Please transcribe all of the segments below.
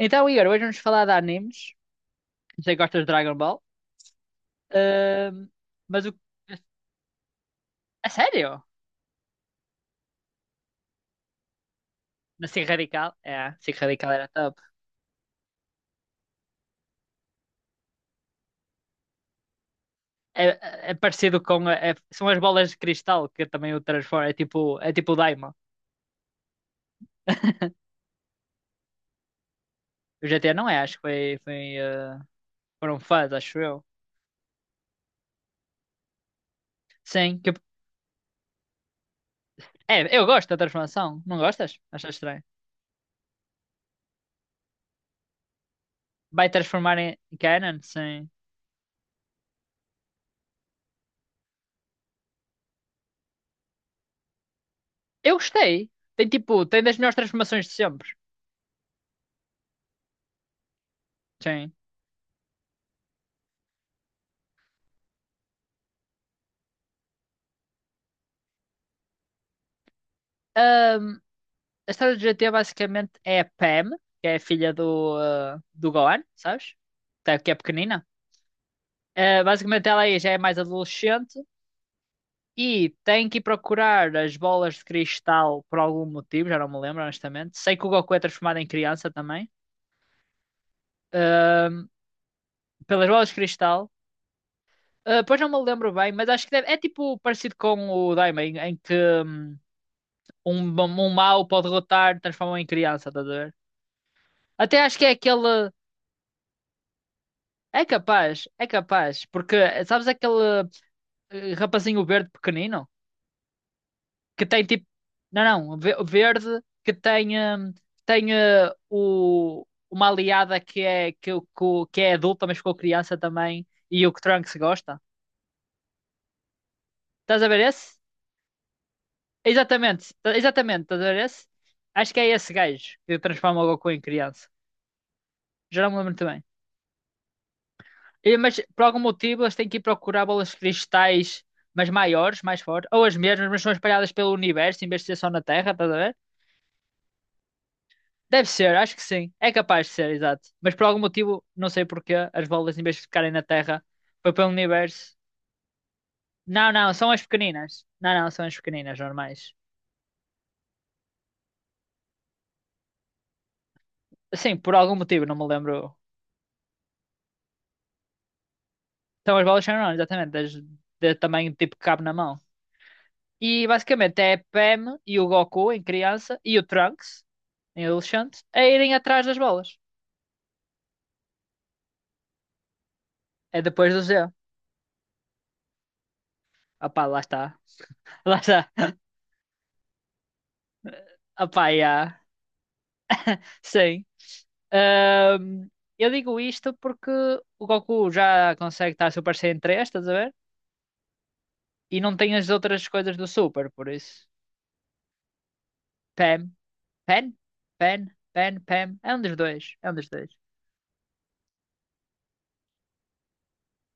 Então, Igor, hoje vamos falar de animes. Não sei que gostas de Dragon Ball. Ahm, mas o. A sério? Na Cinco Radical? É, Cinco Radical era top. É parecido com. São as bolas de cristal que também o transforma. É tipo o Daima. O GTA não é, acho que foi, foram fãs, acho eu. Sim, eu gosto da transformação. Não gostas? Achas estranho? Vai transformar em Canon? Sim. Eu gostei. Tem das melhores transformações de sempre. Sim. A história do GTA basicamente é a Pam, que é a filha do Gohan, sabes? Que é pequenina. Basicamente ela aí já é mais adolescente e tem que ir procurar as bolas de cristal por algum motivo, já não me lembro honestamente. Sei que o Goku é transformado em criança também. Ahm, Pelas bolas de cristal. Ah, pois não me lembro bem, mas acho que é tipo parecido com o Daima, em que hum, um mau pode derrotar, transforma em criança, estás a ver? Até acho que é aquele. É capaz, porque sabes aquele rapazinho verde pequenino que tem tipo, não, não, verde que tem hum, tem o uma aliada que é que, que é adulta, mas ficou criança também e o que Trunks gosta. Estás a ver esse? Exatamente, exatamente, estás a ver esse? Acho que é esse gajo que transforma o Goku em criança. Já não me lembro muito bem. Mas por algum motivo eles têm que ir procurar bolas de cristais, mas maiores, mais fortes, ou as mesmas, mas são espalhadas pelo universo em vez de ser só na Terra, estás a ver? Deve ser, acho que sim. É capaz de ser, exato. Mas por algum motivo, não sei porquê, as bolas em vez de ficarem na Terra, foi pelo universo. Não, não, são as pequeninas. Não, não, são as pequeninas, normais. Sim, por algum motivo, não me lembro. São as bolas são enormes, exatamente, das, de tamanho tipo que cabe na mão. E basicamente é a Pam e o Goku em criança e o Trunks em adolescente a irem atrás das bolas. É depois do Z. Opá, lá está. Lá está. Opá, já. Sim. Ahm, eu digo isto porque o Goku já consegue estar Super Saiyan 3, estás a ver? E não tem as outras coisas do Super, por isso. Pam. Pen? Pen? Pen? Pam. É um dos dois. É um dos dois.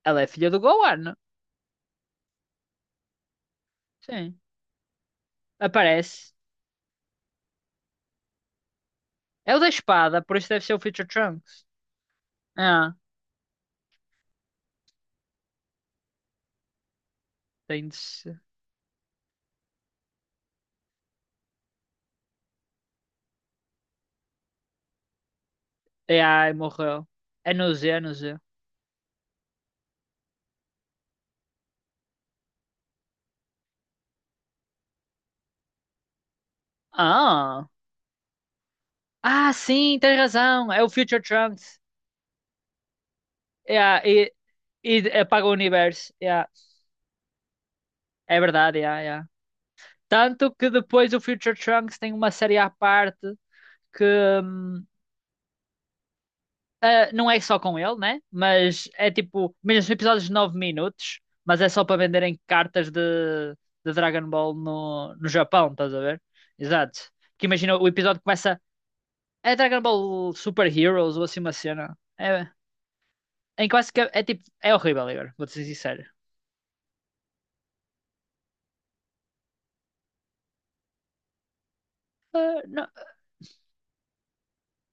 Ela é filha do Gohan. Sim. Aparece. É o da espada, por isso deve ser o Future Trunks. É, tem de ser. É, ai, morreu. É no Z. Ah, ah, sim, tens razão. É o Future Trunks. É, e apaga o universo. É, é verdade. Tanto que depois o Future Trunks tem uma série à parte que hum, não é só com ele, né? Mas é tipo, mesmo são episódios de 9 minutos, mas é só para venderem cartas de Dragon Ball no Japão, estás a ver? Exato. Que imagina, o episódio começa É Dragon Ball Super Heroes ou assim uma cena. É, em que basicamente é tipo. É horrível, Igor, vou-te ser sincero. Ah, não,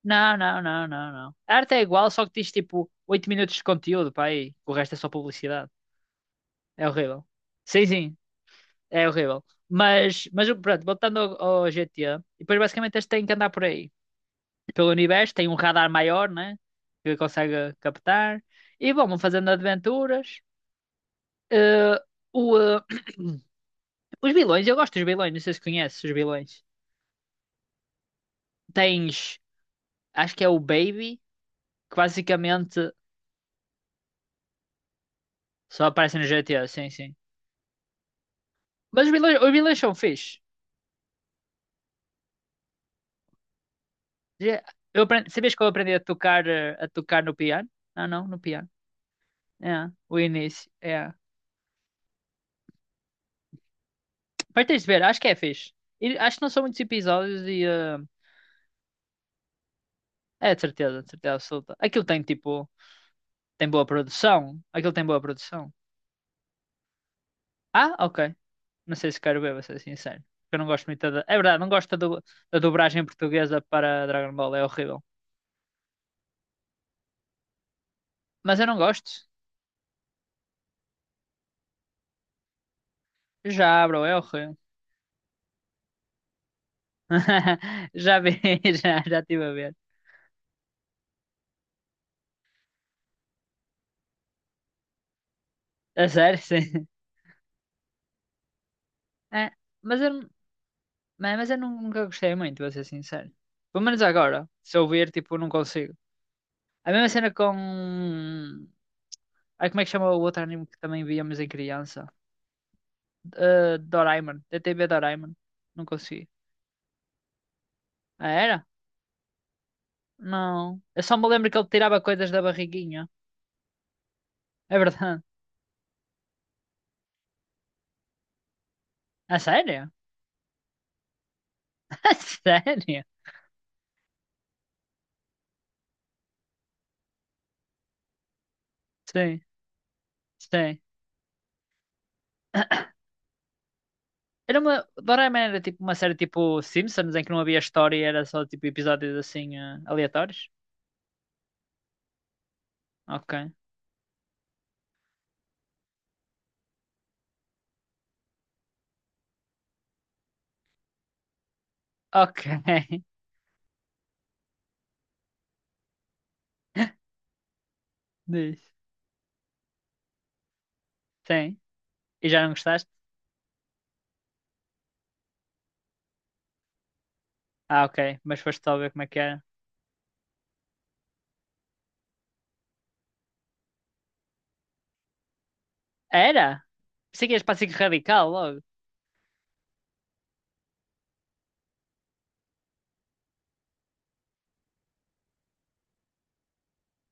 não, não, não, não, não. A arte é igual, só que tens tipo 8 minutos de conteúdo, pá, aí. O resto é só publicidade. É horrível. Sim, sim, é horrível. Mas pronto, voltando ao GTA, e depois basicamente eles têm que andar por aí. Pelo universo, tem um radar maior, né? Que consegue captar. E bom, vão fazendo aventuras. Eh, o, eh, Os vilões, eu gosto dos vilões, não sei se conheces os vilões. Tens, acho que é o Baby, que basicamente só aparece no G GTA, sim, sim. Mas os vilões são fixe. Já- Eu aprendi, sabias que eu aprendi a tocar no piano? Ah, não, no piano. É, o início, é. Mas tens de ver, acho que é fixe. E acho que não são muitos episódios. É, de certeza absoluta. Aquilo tem, boa produção. Aquilo tem boa produção. Ah, ok. Não sei se quero ver, vou ser sincero. Porque eu não gosto muito da. É verdade, não gosto da dublagem portuguesa para Dragon Ball, é horrível. Mas eu não gosto. Já, bro, é horrível. Já vi, já estive a ver. A sério, sim. É, mas eu, não- mas eu nunca gostei muito, vou ser sincero. Pelo menos agora, se eu ver, tipo, não consigo. A mesma cena com. Ai, como é que chama o outro anime que também víamos em criança? Doraemon. DTV Doraemon. Não consegui. Ah, era? Não. Eu só me lembro que ele tirava coisas da barriguinha. É verdade. A sério? A sério? Sim, sim. Era uma. Doraemon era tipo uma série tipo Simpsons em que não havia história e era só tipo episódios assim aleatórios? Ok. Ok. Diz. Sim. E já não gostaste? Ah, ok. Mas foste só ver como é que era. Era? Pensei que ias para a Radical logo.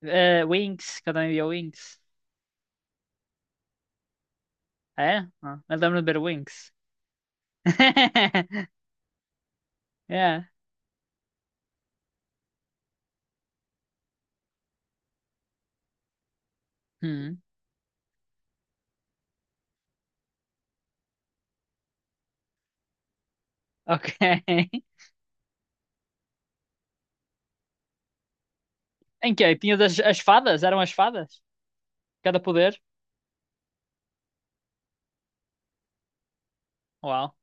Winx, que eu também via Winx. Ah, é? Ah, eu lembro de ver Winx. Yeah. Hum, ok. Em que é? Tinhas as fadas? Eram as fadas? Cada poder? Uau,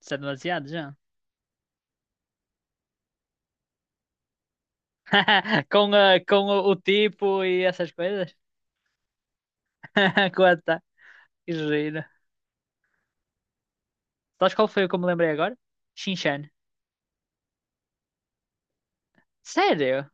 isso é demasiado já. Com o tipo e essas coisas? Quanta, que giro. Sabes qual foi o que eu me lembrei agora? Shinchan. Sério?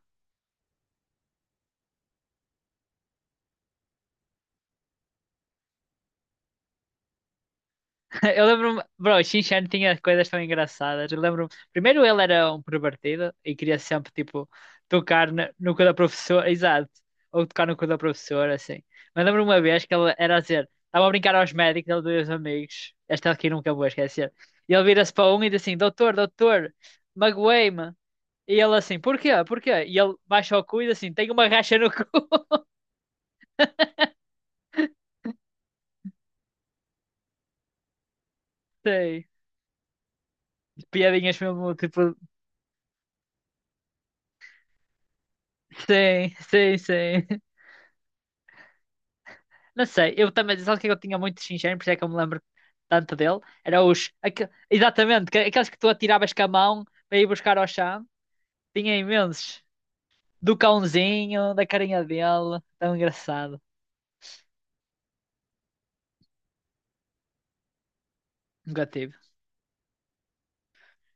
Eu lembro-me, bro, o Shin Chan tinha coisas tão engraçadas. Eu lembro, primeiro ele era um pervertido e queria sempre tipo tocar no cu da professora, exato, ou tocar no cu da professora, assim. Mas lembro uma vez que ele era a dizer, estava a brincar aos médicos, ele dois amigos, esta aqui nunca vou esquecer. E ele vira-se para um e diz assim: Doutor, doutor, magoei-me. E ele assim: Porquê? Porquê? E ele baixa o cu e diz assim: Tenho uma racha no cu. Sim, piadinhas mesmo, tipo, sim, sim, sim. Não sei, eu também, sabe o que é que eu tinha muito de Shin Chan, por isso é que eu me lembro tanto dele? Era os, exatamente, aqueles que tu atiravas com a mão para ir buscar ao chão. Tinha imensos. Do cãozinho, da carinha dele, tão engraçado. Nunca tive.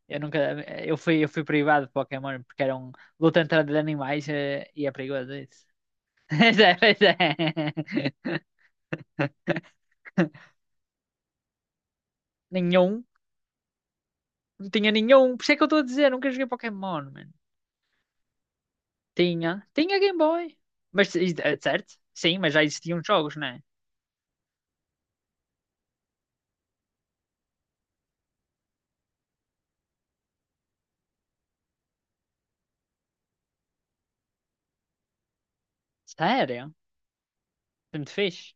Eu nunca, eu fui privado de Pokémon porque era um luta entre animais e é perigoso isso. Pois é, pois é. Nenhum. Não tinha nenhum. Por isso é que eu estou a dizer, nunca joguei Pokémon, mano. Tinha. Tinha Game Boy. Mas, é certo? Sim, mas já existiam jogos, não é? Sério? Foi muito fixe.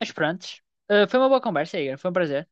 Mas pronto. Foi uma boa conversa, Igor. Foi um prazer.